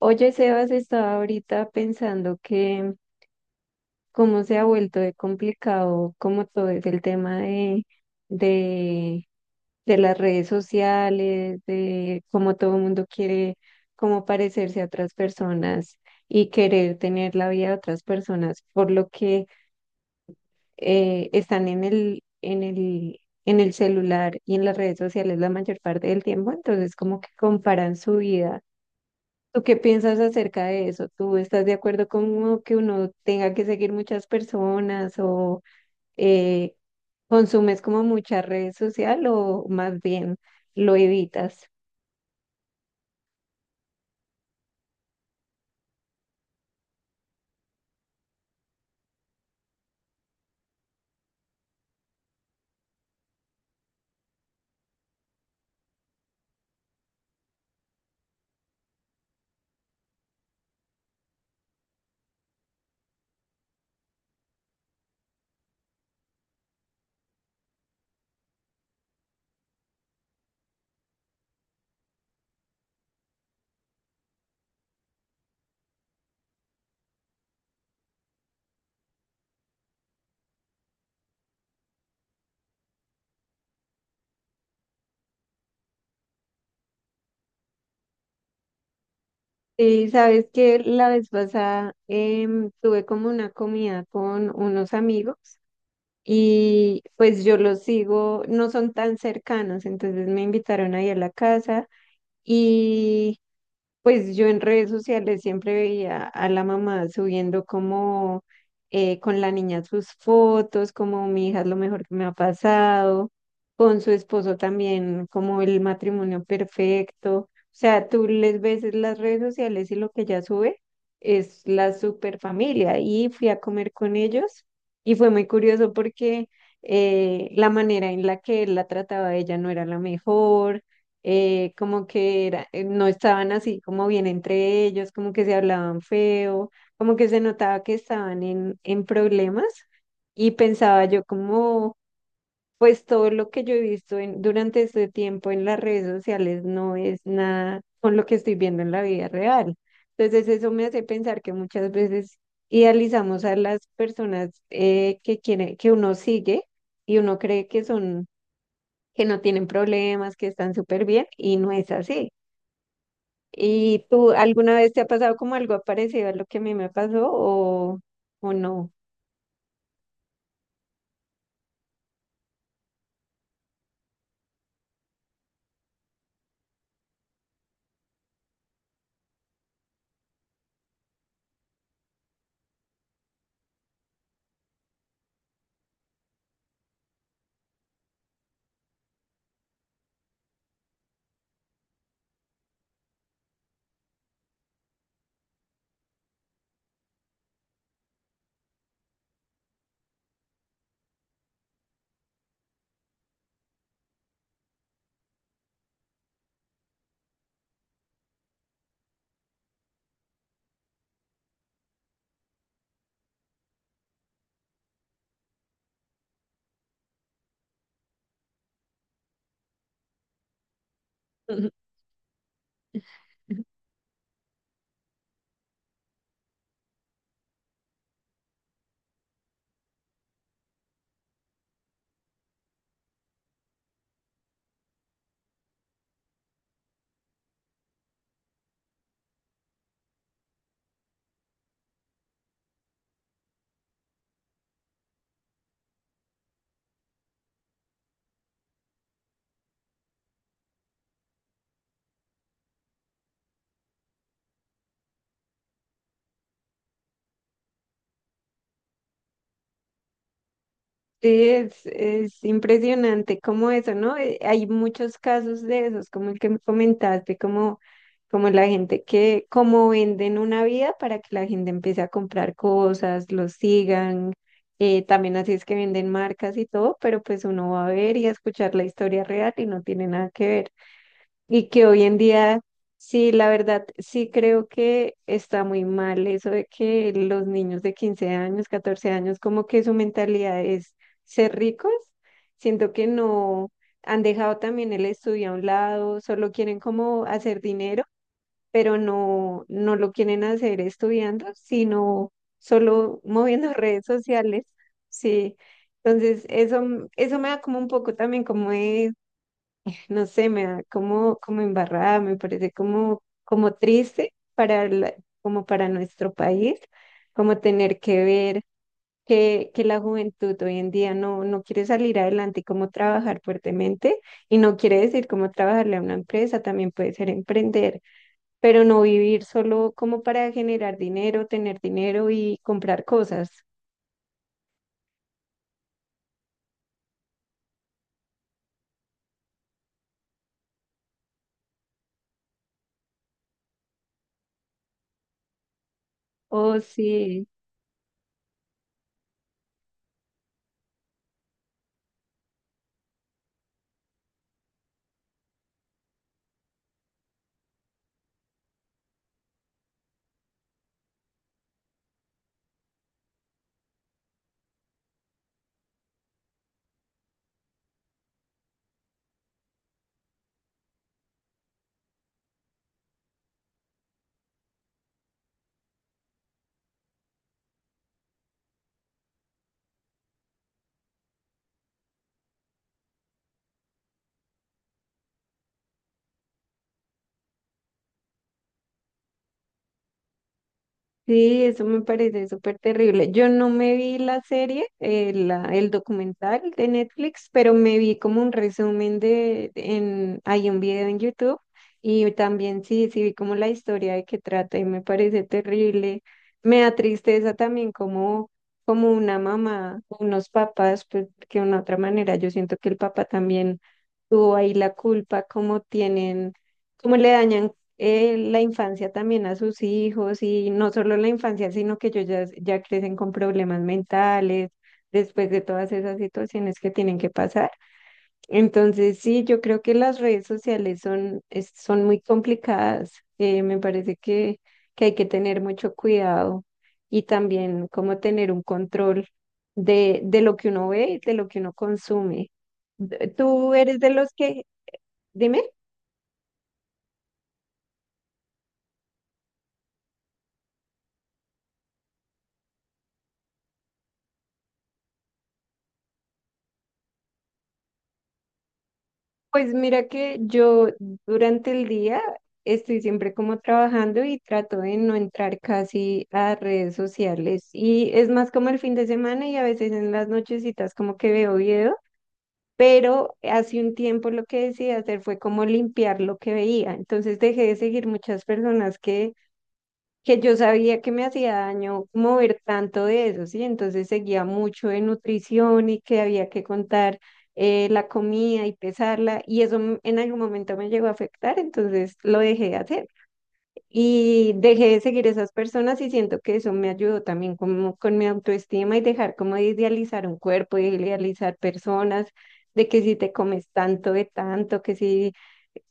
Oye, Sebas, estaba ahorita pensando que cómo se ha vuelto de complicado, como todo es el tema de, de las redes sociales, de cómo todo el mundo quiere como parecerse a otras personas y querer tener la vida de otras personas, por lo que están en el celular y en las redes sociales la mayor parte del tiempo, entonces como que comparan su vida. ¿Tú qué piensas acerca de eso? ¿Tú estás de acuerdo con que uno tenga que seguir muchas personas o eh, consumes como mucha red social o más bien lo evitas? Y sabes que la vez pasada tuve como una comida con unos amigos y pues yo los sigo, no son tan cercanos, entonces me invitaron ahí a la casa. Y pues yo en redes sociales siempre veía a la mamá subiendo como con la niña sus fotos, como mi hija es lo mejor que me ha pasado, con su esposo también, como el matrimonio perfecto. O sea, tú les ves en las redes sociales y lo que ella sube es la super familia. Y fui a comer con ellos y fue muy curioso porque la manera en la que él la trataba a ella no era la mejor. Como que era, no estaban así como bien entre ellos, como que se hablaban feo, como que se notaba que estaban en problemas y pensaba yo como, pues todo lo que yo he visto durante este tiempo en las redes sociales no es nada con lo que estoy viendo en la vida real. Entonces eso me hace pensar que muchas veces idealizamos a las personas, que uno sigue y uno cree que son, que no tienen problemas, que están súper bien y no es así. ¿Y tú alguna vez te ha pasado como algo parecido a lo que a mí me pasó o no? Sí, es impresionante como eso, ¿no? Hay muchos casos de esos, como el que me comentaste, como la gente que, como venden una vida para que la gente empiece a comprar cosas, los sigan, también así es que venden marcas y todo, pero pues uno va a ver y a escuchar la historia real y no tiene nada que ver. Y que hoy en día, sí, la verdad, sí creo que está muy mal eso de que los niños de 15 años, 14 años, como que su mentalidad es ser ricos. Siento que no han dejado también el estudio a un lado, solo quieren como hacer dinero, pero no lo quieren hacer estudiando, sino solo moviendo redes sociales. Sí. Entonces, eso, eso me da como un poco también como de no sé, me da como, como embarrada, me parece como, como triste como para nuestro país, como tener que ver que la juventud hoy en día no quiere salir adelante y cómo trabajar fuertemente, y no quiere decir cómo trabajarle a una empresa, también puede ser emprender, pero no vivir solo como para generar dinero, tener dinero y comprar cosas. Oh, sí. Sí, eso me parece súper terrible. Yo no me vi la serie, el documental de Netflix, pero me vi como un resumen de, en, hay un video en YouTube y también sí, sí vi como la historia de qué trata y me parece terrible. Me da tristeza también como, como una mamá, unos papás, pues que de una otra manera yo siento que el papá también tuvo ahí la culpa, como tienen, como le dañan la infancia también a sus hijos y no solo la infancia, sino que ellos ya, ya crecen con problemas mentales después de todas esas situaciones que tienen que pasar. Entonces, sí, yo creo que las redes sociales son, son muy complicadas. Me parece que hay que tener mucho cuidado y también como tener un control de lo que uno ve y de lo que uno consume. ¿Tú eres de los que, dime? Pues mira que yo durante el día estoy siempre como trabajando y trato de no entrar casi a redes sociales. Y es más como el fin de semana y a veces en las nochecitas como que veo video, pero hace un tiempo lo que decidí hacer fue como limpiar lo que veía. Entonces dejé de seguir muchas personas que yo sabía que me hacía daño mover tanto de eso, ¿sí? Entonces seguía mucho de nutrición y que había que contar la comida y pesarla y eso en algún momento me llegó a afectar, entonces lo dejé de hacer y dejé de seguir esas personas y siento que eso me ayudó también como con mi autoestima y dejar como de idealizar un cuerpo, de idealizar personas. De que si te comes tanto de tanto, que si...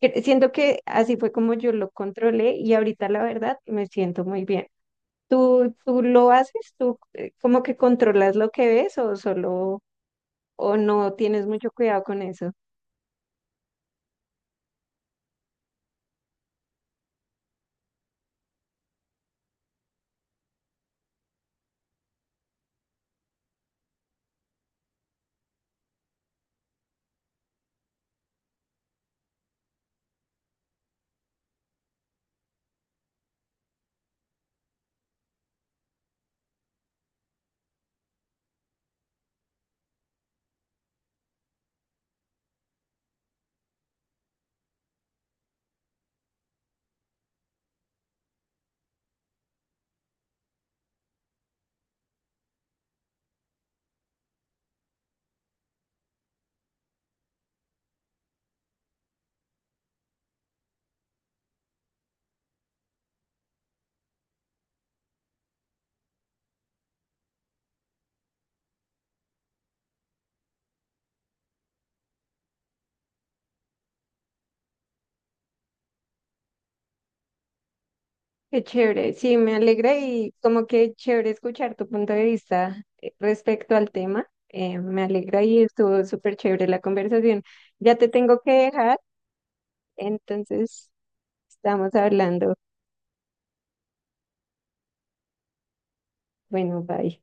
Siento que así fue como yo lo controlé y ahorita la verdad me siento muy bien. ¿Tú, tú lo haces? ¿Tú como que controlas lo que ves o solo o no tienes mucho cuidado con eso? Qué chévere, sí, me alegra y como que chévere escuchar tu punto de vista, respecto al tema. Me alegra y estuvo súper chévere la conversación. Ya te tengo que dejar, entonces estamos hablando. Bueno, bye.